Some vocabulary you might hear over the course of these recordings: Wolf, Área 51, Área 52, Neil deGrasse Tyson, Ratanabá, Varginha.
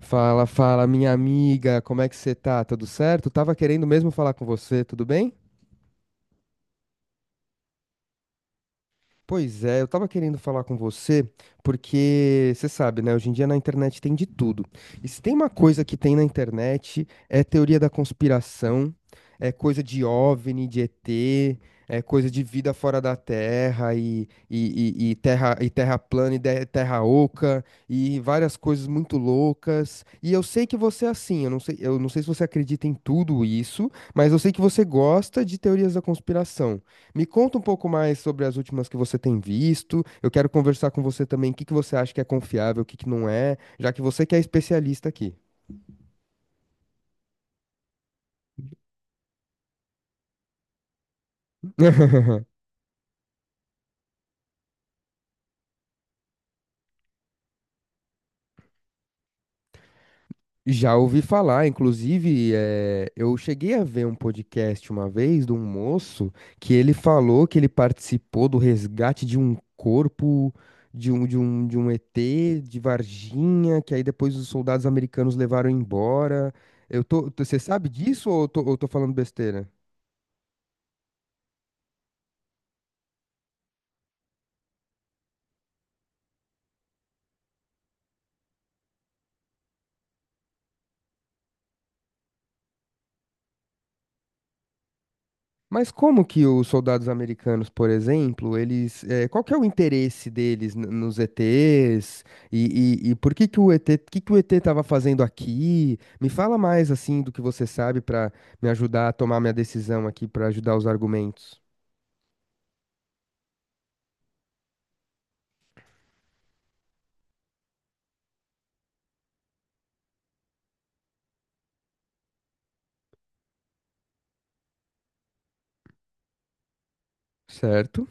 Fala, fala, minha amiga, como é que você tá? Tudo certo? Tava querendo mesmo falar com você, tudo bem? Pois é, eu tava querendo falar com você, porque você sabe, né? Hoje em dia na internet tem de tudo. E se tem uma coisa que tem na internet, é teoria da conspiração, é coisa de OVNI, de ET, é coisa de vida fora da Terra e terra plana e terra oca e várias coisas muito loucas. E eu sei que você é assim, eu não sei se você acredita em tudo isso, mas eu sei que você gosta de teorias da conspiração. Me conta um pouco mais sobre as últimas que você tem visto. Eu quero conversar com você também o que que você acha que é confiável, o que que não é, já que você que é especialista aqui. Já ouvi falar, inclusive, eu cheguei a ver um podcast uma vez de um moço que ele falou que ele participou do resgate de um corpo de um ET de Varginha, que aí depois os soldados americanos levaram embora. Você sabe disso ou ou eu tô falando besteira? Mas como que os soldados americanos, por exemplo, qual que é o interesse deles nos ETs? E por que que o ET estava fazendo aqui? Me fala mais assim do que você sabe para me ajudar a tomar minha decisão aqui, para ajudar os argumentos. Certo?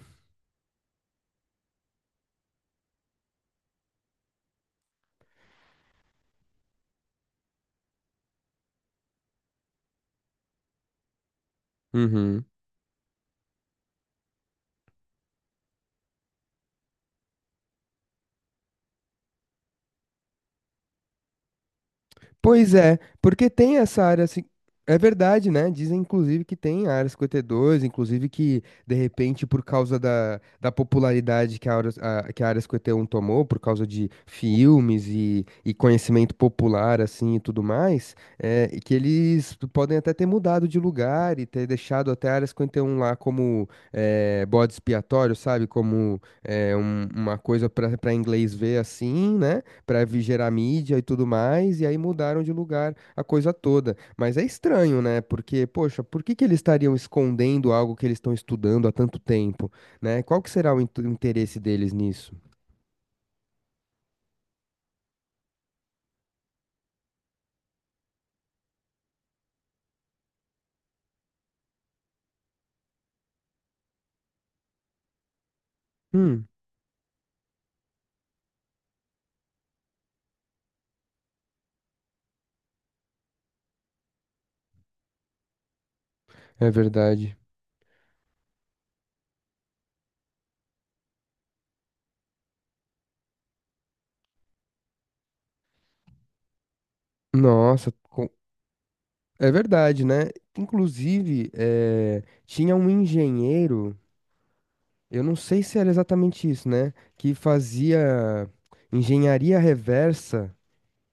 Pois é, porque tem essa área assim. É verdade, né? Dizem, inclusive, que tem a Área 52, inclusive que, de repente, por causa da popularidade que a Área 51 tomou, por causa de filmes e conhecimento popular, assim, e tudo mais, e que eles podem até ter mudado de lugar e ter deixado até a Área 51 lá como é, bode expiatório, sabe? Como é, uma coisa para inglês ver, assim, né? Pra gerar mídia e tudo mais, e aí mudaram de lugar a coisa toda. Mas é estranho, né? Porque, poxa, por que que eles estariam escondendo algo que eles estão estudando há tanto tempo, né? Qual que será o interesse deles nisso? Hum, é verdade. Nossa, é verdade, né? Inclusive, tinha um engenheiro, eu não sei se era exatamente isso, né? Que fazia engenharia reversa.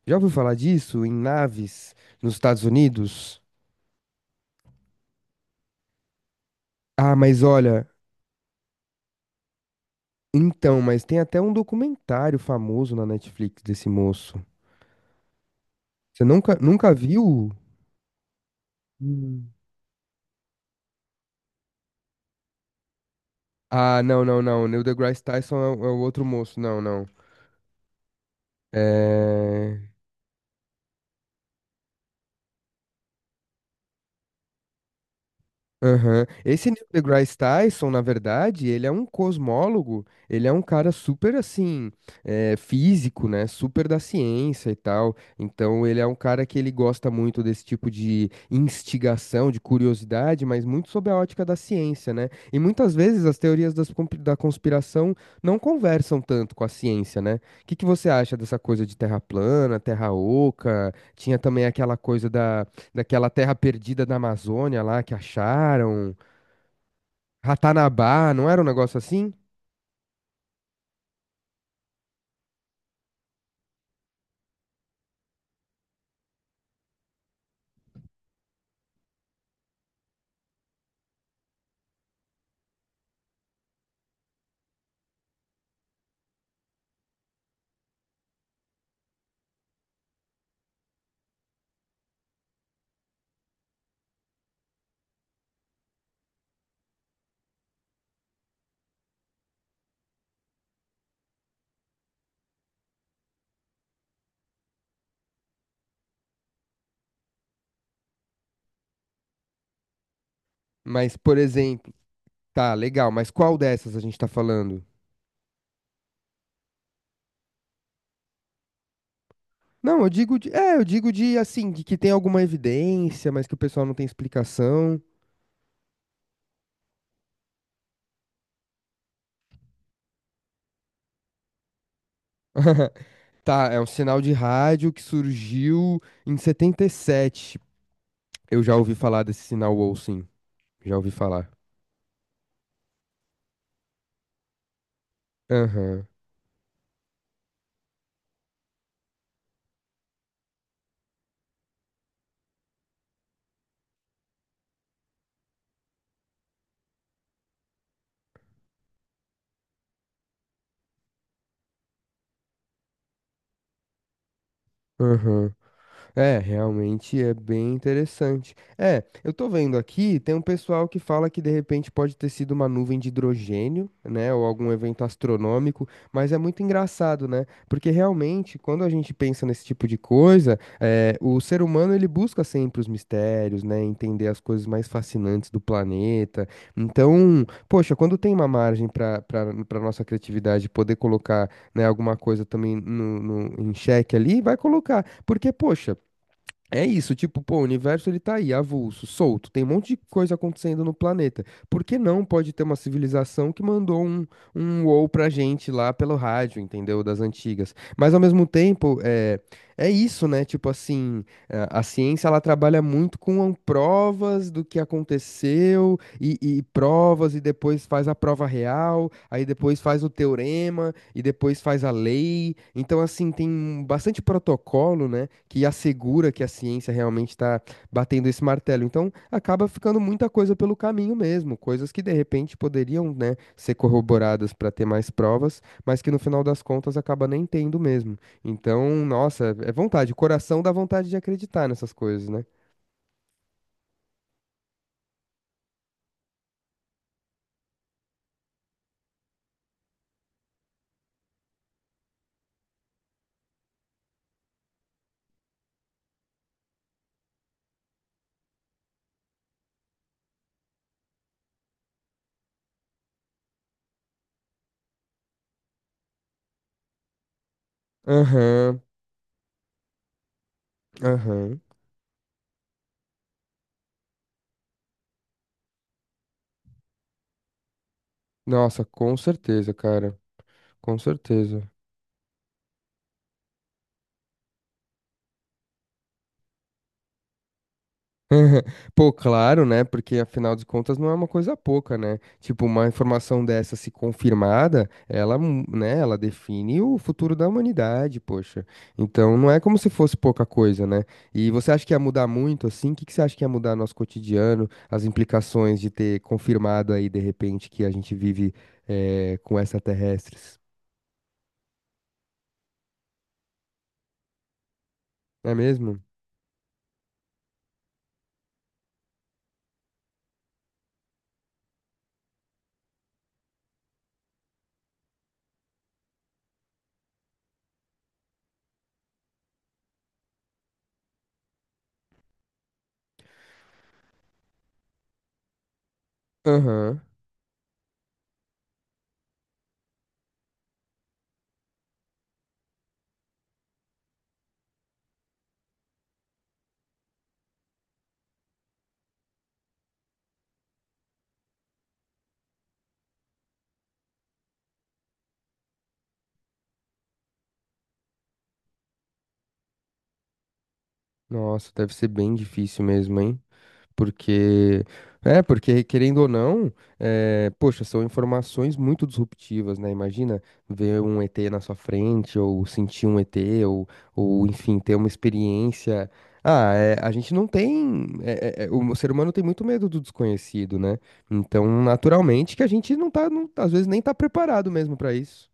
Já ouviu falar disso? Em naves nos Estados Unidos? Ah, mas olha, então, mas tem até um documentário famoso na Netflix desse moço. Você nunca, nunca viu? Hum. Ah, não, não, não. Neil deGrasse Tyson é o outro moço. Não, não. É. Aham. Esse Neil deGrasse Tyson, na verdade, ele é um cosmólogo, ele é um cara super, assim, físico, né? Super da ciência e tal. Então, ele é um cara que ele gosta muito desse tipo de instigação, de curiosidade, mas muito sob a ótica da ciência, né? E muitas vezes as teorias da conspiração não conversam tanto com a ciência, né? O que que você acha dessa coisa de terra plana, terra oca? Tinha também aquela coisa daquela terra perdida da Amazônia lá que acharam, Ratanabá, não era um negócio assim? Mas, por exemplo, tá, legal, mas qual dessas a gente tá falando? Não, eu digo de assim, de que tem alguma evidência, mas que o pessoal não tem explicação. Tá, é um sinal de rádio que surgiu em setenta e sete. Eu já ouvi falar desse sinal Wolf, sim, já ouvi falar. Aham, aham. É, realmente é bem interessante. É, eu tô vendo aqui, tem um pessoal que fala que de repente pode ter sido uma nuvem de hidrogênio, né, ou algum evento astronômico, mas é muito engraçado, né? Porque realmente, quando a gente pensa nesse tipo de coisa, o ser humano ele busca sempre os mistérios, né, entender as coisas mais fascinantes do planeta. Então, poxa, quando tem uma margem para nossa criatividade poder colocar, né, alguma coisa também em xeque ali, vai colocar. Porque, poxa, é isso, tipo, pô, o universo ele tá aí, avulso, solto, tem um monte de coisa acontecendo no planeta. Por que não pode ter uma civilização que mandou um wow pra gente lá pelo rádio, entendeu? Das antigas. Mas ao mesmo tempo, é isso, né? Tipo assim, a ciência ela trabalha muito com provas do que aconteceu e provas e depois faz a prova real, aí depois faz o teorema e depois faz a lei. Então, assim, tem bastante protocolo, né, que assegura que a ciência realmente está batendo esse martelo. Então, acaba ficando muita coisa pelo caminho mesmo, coisas que de repente poderiam, né, ser corroboradas para ter mais provas, mas que no final das contas acaba nem tendo mesmo. Então, nossa, é vontade, o coração dá vontade de acreditar nessas coisas, né? Aham, aham. Nossa, com certeza, cara. Com certeza. Pô, claro, né? Porque afinal de contas não é uma coisa pouca, né? Tipo, uma informação dessa se confirmada, ela define o futuro da humanidade, poxa. Então não é como se fosse pouca coisa, né? E você acha que ia mudar muito assim? O que que você acha que ia mudar no nosso cotidiano? As implicações de ter confirmado aí de repente que a gente vive com extraterrestres? É mesmo? Aham. Nossa, deve ser bem difícil mesmo, hein? Porque, porque querendo ou não, poxa, são informações muito disruptivas, né? Imagina ver um ET na sua frente, ou sentir um ET, ou, ou enfim, ter uma experiência. Ah, a gente não tem. O ser humano tem muito medo do desconhecido, né? Então, naturalmente, que a gente não tá, às vezes nem tá preparado mesmo para isso.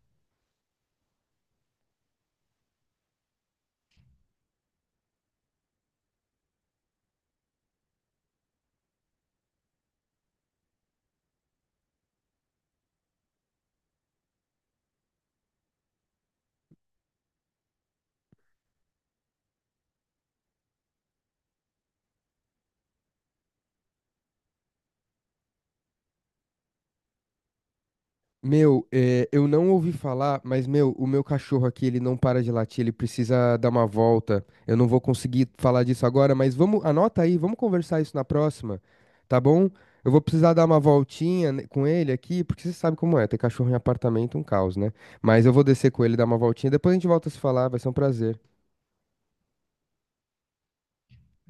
Meu, eu não ouvi falar, mas, meu, o meu cachorro aqui, ele não para de latir, ele precisa dar uma volta. Eu não vou conseguir falar disso agora, mas vamos, anota aí, vamos conversar isso na próxima, tá bom? Eu vou precisar dar uma voltinha com ele aqui, porque você sabe como é, ter cachorro em apartamento é um caos, né? Mas eu vou descer com ele, dar uma voltinha, depois a gente volta a se falar, vai ser um prazer.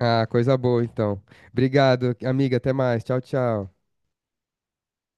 Ah, coisa boa, então. Obrigado, amiga, até mais. Tchau, tchau.